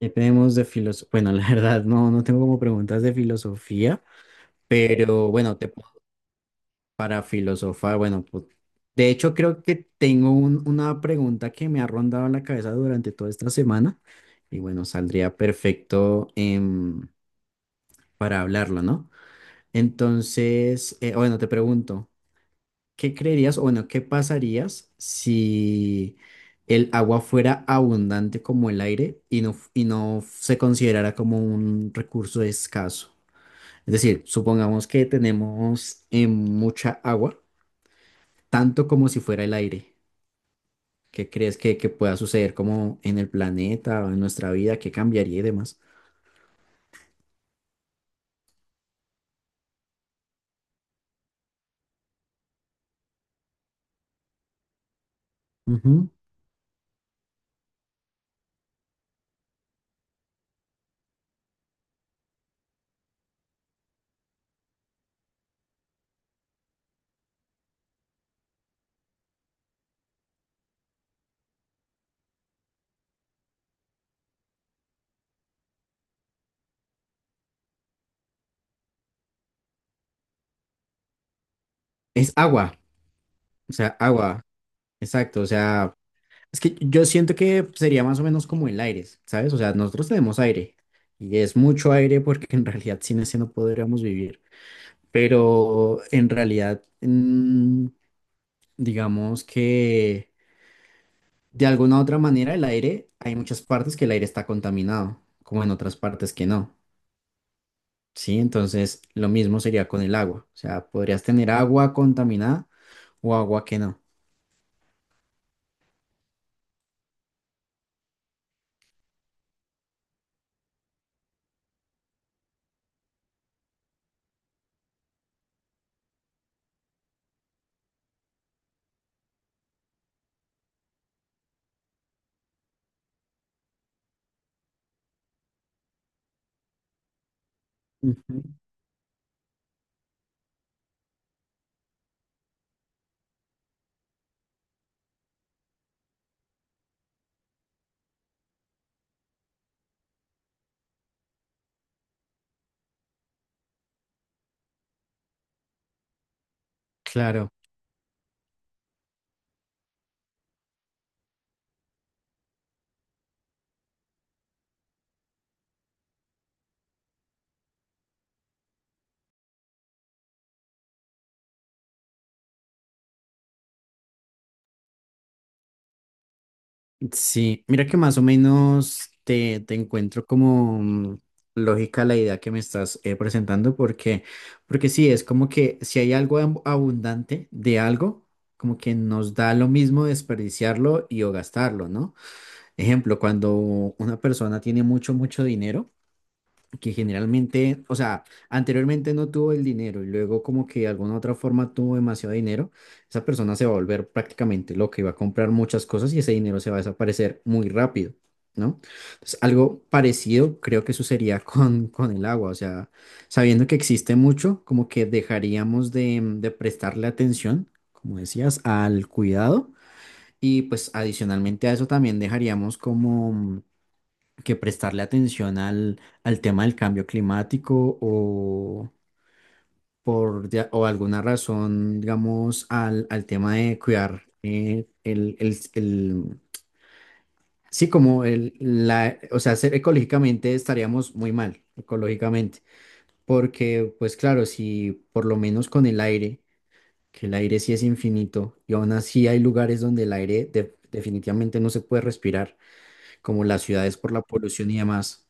¿Qué tenemos de filosofía? Bueno, la verdad, no, no tengo como preguntas de filosofía, pero bueno, te, puedo- para filosofar, bueno, pues, de hecho creo que tengo una pregunta que me ha rondado la cabeza durante toda esta semana y bueno, saldría perfecto para hablarlo, ¿no? Entonces, bueno, te pregunto, ¿qué creerías, o bueno, qué pasarías si el agua fuera abundante como el aire y no, y no se considerara como un recurso escaso? Es decir, supongamos que tenemos mucha agua, tanto como si fuera el aire. ¿Qué crees que pueda suceder como en el planeta o en nuestra vida? ¿Qué cambiaría y demás? Ujú. Es agua, o sea, agua, exacto, o sea... Es que yo siento que sería más o menos como el aire, ¿sabes? O sea, nosotros tenemos aire y es mucho aire porque en realidad sin ese no podríamos vivir. Pero en realidad, digamos que de alguna u otra manera el aire, hay muchas partes que el aire está contaminado, como en otras partes que no, ¿sí? Entonces, lo mismo sería con el agua. O sea, podrías tener agua contaminada o agua que no. Ujú. Claro. Sí, mira que más o menos te, te encuentro como lógica la idea que me estás presentando, porque, porque sí, es como que si hay algo abundante de algo, como que nos da lo mismo desperdiciarlo y o gastarlo, ¿no? Ejemplo, cuando una persona tiene mucho, mucho dinero que generalmente, o sea, anteriormente no tuvo el dinero y luego como que de alguna otra forma tuvo demasiado dinero, esa persona se va a volver prácticamente loca y va a comprar muchas cosas y ese dinero se va a desaparecer muy rápido, ¿no? Entonces, algo parecido creo que sucedería con el agua, o sea, sabiendo que existe mucho, como que dejaríamos de, de prestarle atención, como decías, al cuidado y pues adicionalmente a eso también dejaríamos como que prestarle atención al, al tema del cambio climático o o alguna razón, digamos, al, al tema de cuidar sí, como el, la, o sea, ser ecológicamente estaríamos muy mal, ecológicamente, porque pues claro, si por lo menos con el aire, que el aire sí es infinito y aún así hay lugares donde el aire definitivamente no se puede respirar, como las ciudades por la polución y demás.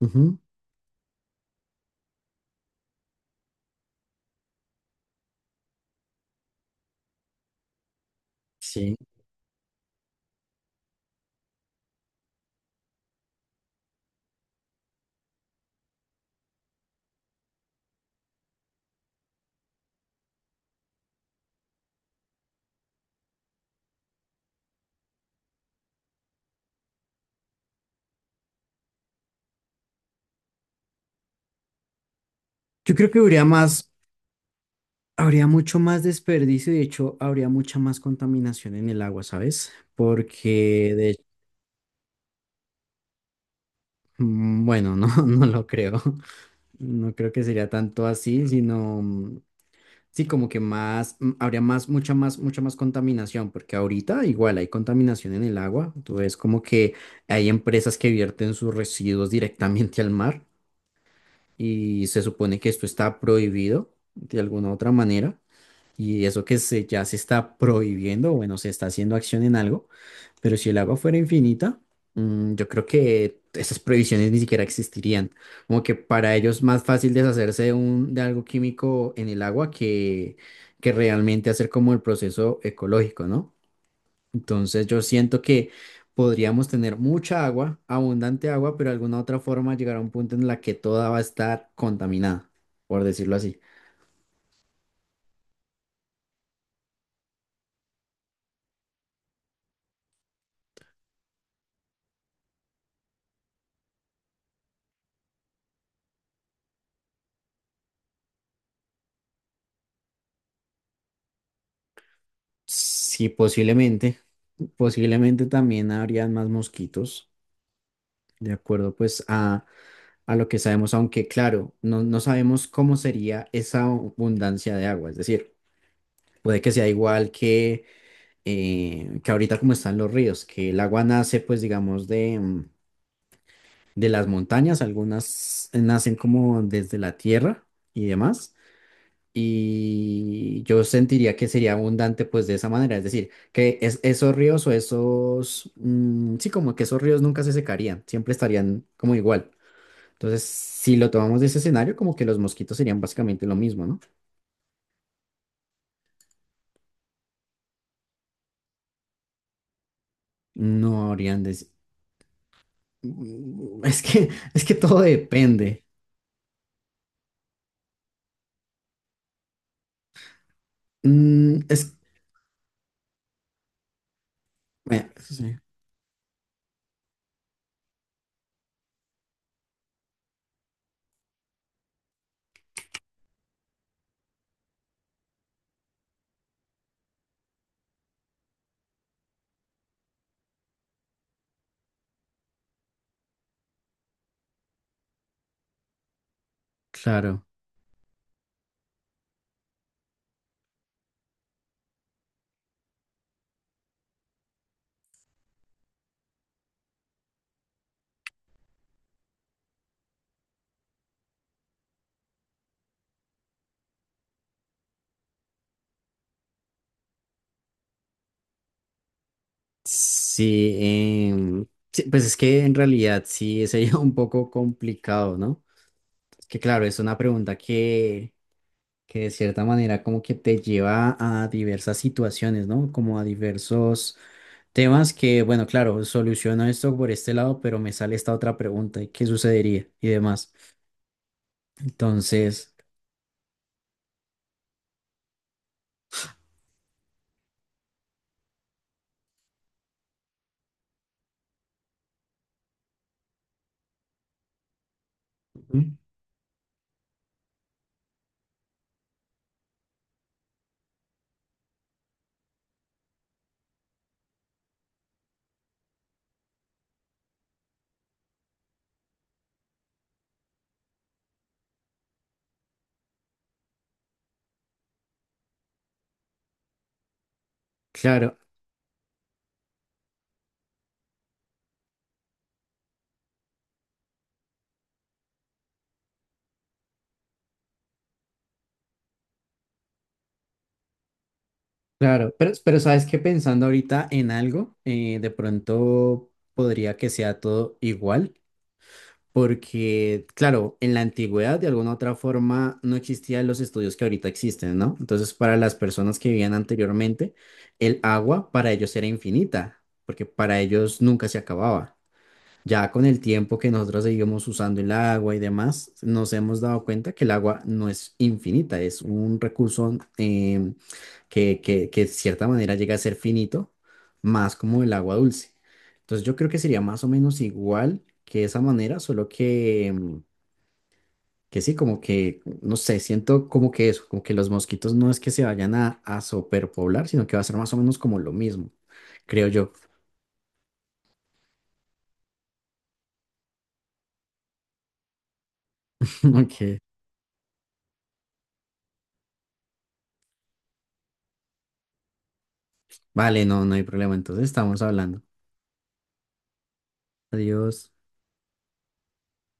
Ujú. Sí. Yo creo que habría más, habría mucho más desperdicio y de hecho habría mucha más contaminación en el agua, ¿sabes? Porque de, mm, bueno, no, no lo creo. No creo que sería tanto así, sino sí como que más, mm, habría más, mucha más, mucha más contaminación, porque ahorita igual hay contaminación en el agua. Entonces como que hay empresas que vierten sus residuos directamente al mar y se supone que esto está prohibido de alguna otra manera. Y eso que se, ya se está prohibiendo, bueno, se está haciendo acción en algo, pero si el agua fuera infinita, yo creo que esas prohibiciones ni siquiera existirían. Como que para ellos es más fácil deshacerse de, un, de algo químico en el agua que realmente hacer como el proceso ecológico, ¿no? Entonces yo siento que podríamos tener mucha agua, abundante agua, pero de alguna otra forma llegar a un punto en la que toda va a estar contaminada, por decirlo así. Sí, posiblemente, posiblemente también habrían más mosquitos, de acuerdo pues a lo que sabemos, aunque claro, no, no sabemos cómo sería esa abundancia de agua, es decir, puede que sea igual que ahorita como están los ríos, que el agua nace pues digamos de, de las montañas, algunas nacen como desde la tierra y demás. Y yo sentiría que sería abundante pues de esa manera, es decir, que esos ríos o esos, mm, sí, como que esos ríos nunca se secarían, siempre estarían como igual. Entonces, si lo tomamos de ese escenario, como que los mosquitos serían básicamente lo mismo, ¿no? No habrían de... Mm, es que, es que todo depende. Mm, es... Bueno, sí, claro. Sí, em, sí, pues es que en realidad sí sería un poco complicado, ¿no? Que claro, es una pregunta que de cierta manera como que te lleva a diversas situaciones, ¿no? Como a diversos temas que, bueno, claro, soluciono esto por este lado, pero me sale esta otra pregunta, ¿y qué sucedería? Y demás. Entonces, ujú, claro, claro, pero sabes que pensando ahorita en algo, de pronto podría que sea todo igual. Porque, claro, en la antigüedad de alguna otra forma no existían los estudios que ahorita existen, ¿no? Entonces, para las personas que vivían anteriormente, el agua para ellos era infinita, porque para ellos nunca se acababa. Ya con el tiempo que nosotros seguimos usando el agua y demás, nos hemos dado cuenta que el agua no es infinita, es un recurso que de cierta manera llega a ser finito, más como el agua dulce. Entonces yo creo que sería más o menos igual que esa manera, solo que, que sí, como que, no sé, siento como que eso, como que los mosquitos no es que se vayan a superpoblar, sino que va a ser más o menos como lo mismo, creo yo. Ok, vale, no, no hay problema, entonces estamos hablando. Adiós.